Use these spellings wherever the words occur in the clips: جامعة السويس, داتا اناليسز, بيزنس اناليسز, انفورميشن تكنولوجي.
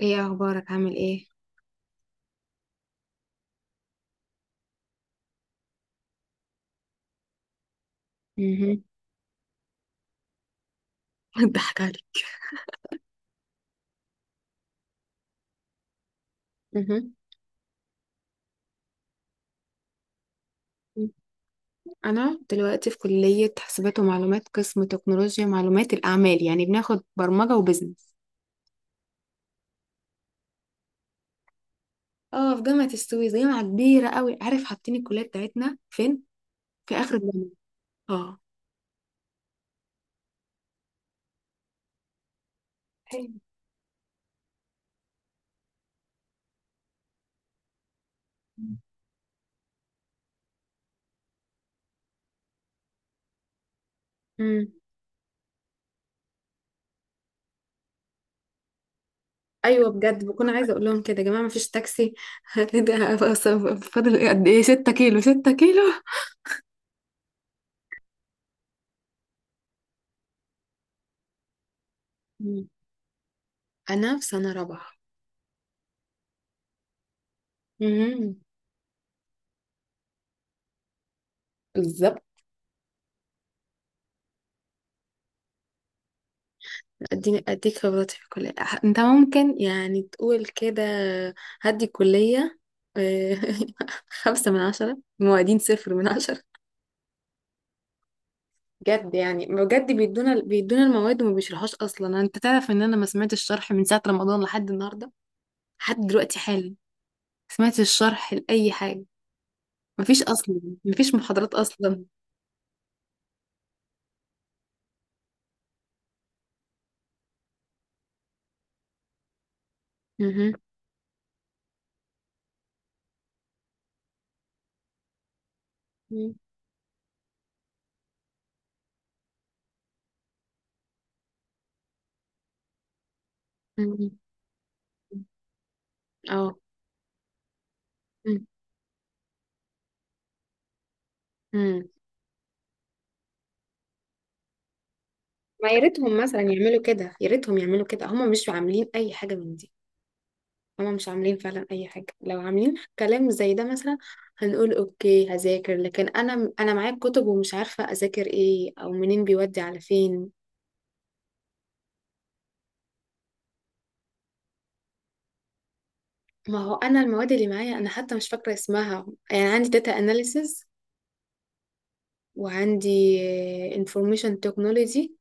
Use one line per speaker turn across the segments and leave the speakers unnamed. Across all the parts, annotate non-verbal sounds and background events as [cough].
ايه اخبارك؟ عامل ايه؟ امم. ضحك عليك؟ امم، انا دلوقتي في كلية حاسبات ومعلومات، قسم تكنولوجيا معلومات الاعمال، يعني بناخد برمجة وبزنس. اه، في جامعة السويس، جامعة كبيرة قوي. عارف حاطين الكلية بتاعتنا فين؟ في اخر الجامعة. اه. حلو. امم. ايوه بجد، بكون عايزه اقول لهم كده: يا جماعه مفيش تاكسي؟ [laughs] ده أصلاً فاضل إيه؟ قد ايه؟ 6 كيلو، 6 كيلو. مم. انا في سنه رابعه. امم. بالظبط. اديني اديك خبرتي في الكلية. انت ممكن يعني تقول كده: هدي الكلية. آه، [laughs] خمسة من عشرة الموادين، صفر من عشرة. بجد يعني بجد، بيدونا المواد وما بيشرحوش اصلا. انت تعرف ان انا ما سمعتش الشرح من ساعة رمضان لحد النهاردة، لحد دلوقتي حالا ما سمعتش الشرح لأي حاجة. مفيش اصلا، مفيش محاضرات اصلا. مهم. مم. مم. اه. مم. مم. ما يا ريتهم مثلا يعملوا كده، يا ريتهم يعملوا كده. هم مش عاملين اي حاجة من دي، هما مش عاملين فعلا اي حاجه. لو عاملين كلام زي ده مثلا، هنقول اوكي هذاكر، لكن انا معايا كتب ومش عارفه اذاكر ايه او منين بيودي على فين. ما هو انا المواد اللي معايا انا حتى مش فاكره اسمها. يعني عندي داتا اناليسز، وعندي انفورميشن تكنولوجي،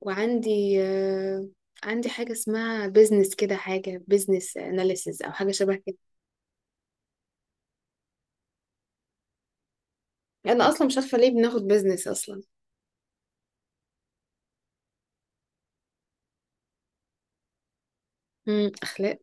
وعندي عندي حاجه اسمها بيزنس كده، حاجه بيزنس اناليسز او حاجه شبه كده. انا اصلا مش عارفه ليه بناخد بيزنس اصلا. امم، اخلاق.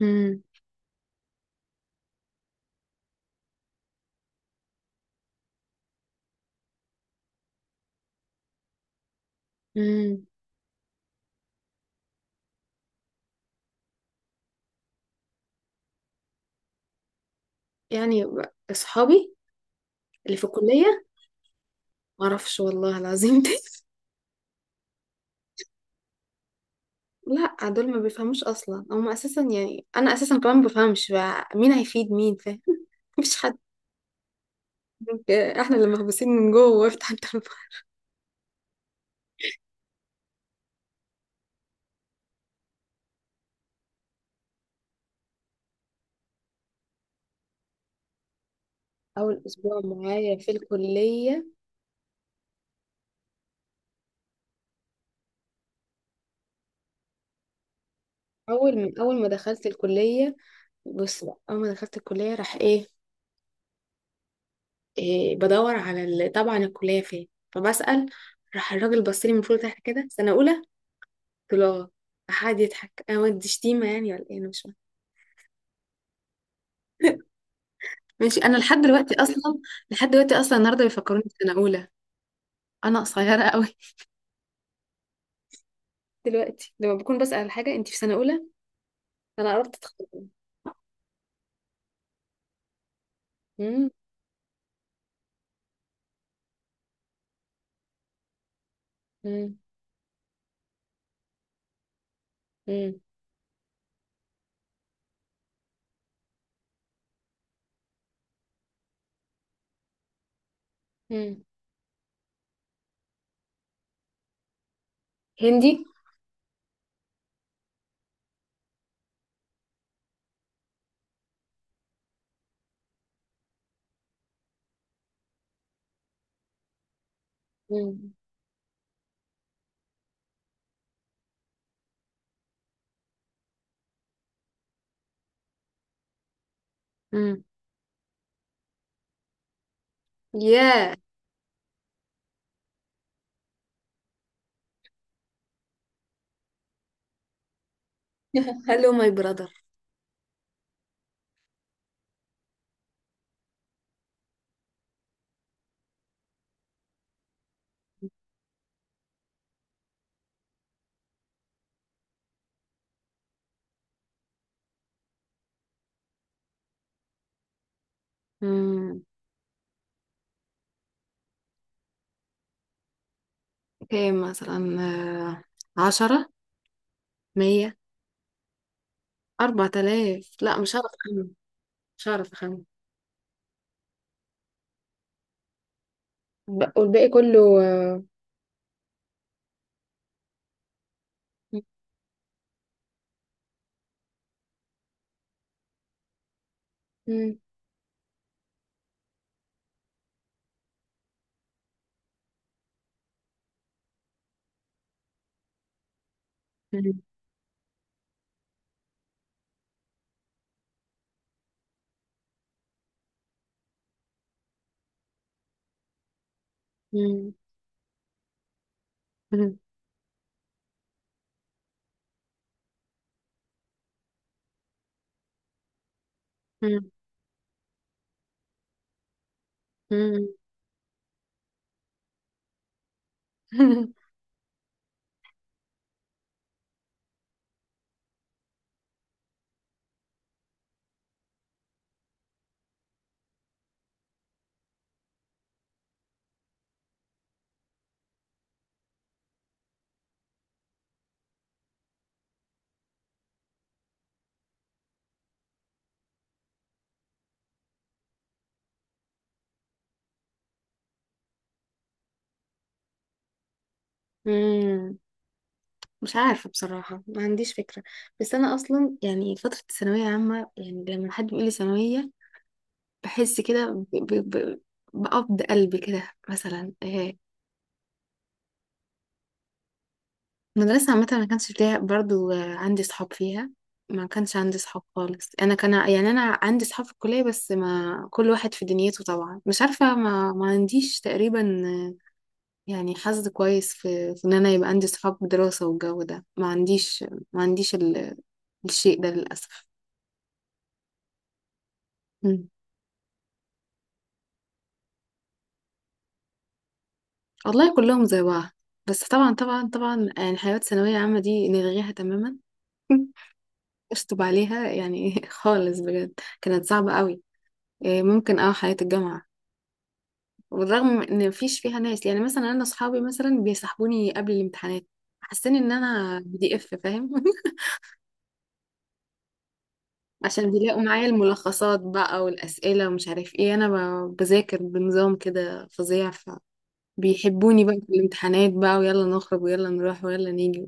امم. امم. يعني اصحابي اللي في الكلية؟ معرفش والله العظيم. [laughs] دي لا، دول ما بيفهموش اصلا. هم اساسا يعني انا اساسا كمان ما بفهمش، بقى مين هيفيد مين؟ فاهم؟ [laughs] مفيش حد. احنا اللي محبوسين من جوه وافتح انت البحر. اول اسبوع معايا في الكلية؟ اول، من اول ما دخلت الكلية. بص بقى، اول ما دخلت الكلية، راح ايه، إيه، بدور على طبعا الكلية فين، فبسأل. راح الراجل بص لي من فوق لتحت كده: سنة اولى؟ قلت له اه. راح قعد يضحك. انا ودي شتيمة يعني ولا ايه؟ انا مش فاهمة. ماشي. انا لحد دلوقتي اصلا، لحد دلوقتي اصلا النهارده بيفكروني في سنه اولى. انا قصيره قوي. دلوقتي لما بكون بسال على حاجه: انت في سنه اولى؟ انا قربت اتخرج. امم. امم. امم. أمم. هندي. امم. امم. ياه. [laughs] هلو ماي براذر. امم. كام؟ [laughs] مثلا عشرة؟ مية؟ أربعة آلاف؟ لا مش هعرف أخمن، مش هعرف أخمن. والباقي كله مم. مم. مم. مم. مم. مم. [laughs] مم. مش عارفة بصراحة، ما عنديش فكرة. بس أنا أصلا يعني فترة الثانوية عامة، يعني لما حد بيقول لي ثانوية بحس كده ب- ب- بقبض قلبي كده مثلا. المدرسة عامة ما كانش فيها برضو عندي صحاب فيها. ما كانش عندي صحاب خالص. أنا كان يعني أنا عندي صحاب في الكلية بس، ما كل واحد في دنيته طبعا. مش عارفة ما عنديش تقريبا يعني حظ كويس في، في إن أنا يبقى عندي صحاب دراسة والجو ده. ما عنديش، ما عنديش الشيء ده للأسف. والله كلهم زي بعض، بس طبعا طبعا طبعا يعني حيوات ثانوية عامة دي نلغيها تماما. [laughs] اشطب عليها يعني. [laughs] خالص بجد، كانت صعبة قوي. إيه، ممكن اه حياة الجامعة. والرغم ان مفيش فيها ناس، يعني مثلا انا اصحابي مثلا بيسحبوني قبل الامتحانات، حاسين ان انا بي دي اف فاهم. [laughs] عشان بيلاقوا معايا الملخصات بقى والاسئله ومش عارف ايه. انا بذاكر بنظام كده فظيع، فبيحبوني بقى في الامتحانات بقى، ويلا نخرج ويلا نروح ويلا نيجي.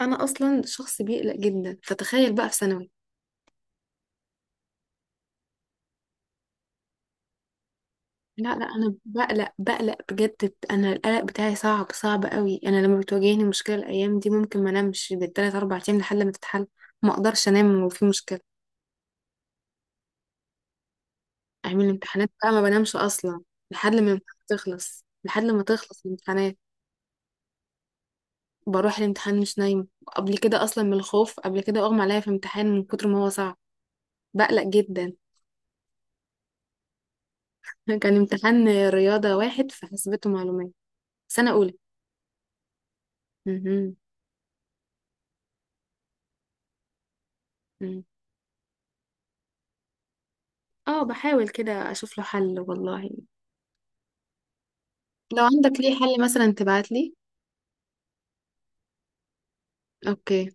انا اصلا شخص بيقلق جدا، فتخيل بقى في ثانوي. لا لا، انا بقلق بقلق بجد. انا القلق بتاعي صعب صعب قوي. انا لما بتواجهني مشكله، الايام دي ممكن ما انامش بالثلاث اربع ايام لحد ما تتحل. ما اقدرش انام وفي مشكله. اعمل الامتحانات بقى ما بنامش اصلا لحد ما الامتحانات تخلص، لحد ما تخلص الامتحانات. بروح الامتحان مش نايمه. قبل كده اصلا من الخوف قبل كده اغمى عليا في امتحان من كتر ما هو صعب. بقلق جدا. [laughs] كان امتحان رياضه واحد في حاسبات ومعلومات، سنه اولى. مهم. اه بحاول كده اشوف له حل والله. لو عندك ليه حل مثلا تبعت لي. اوكي.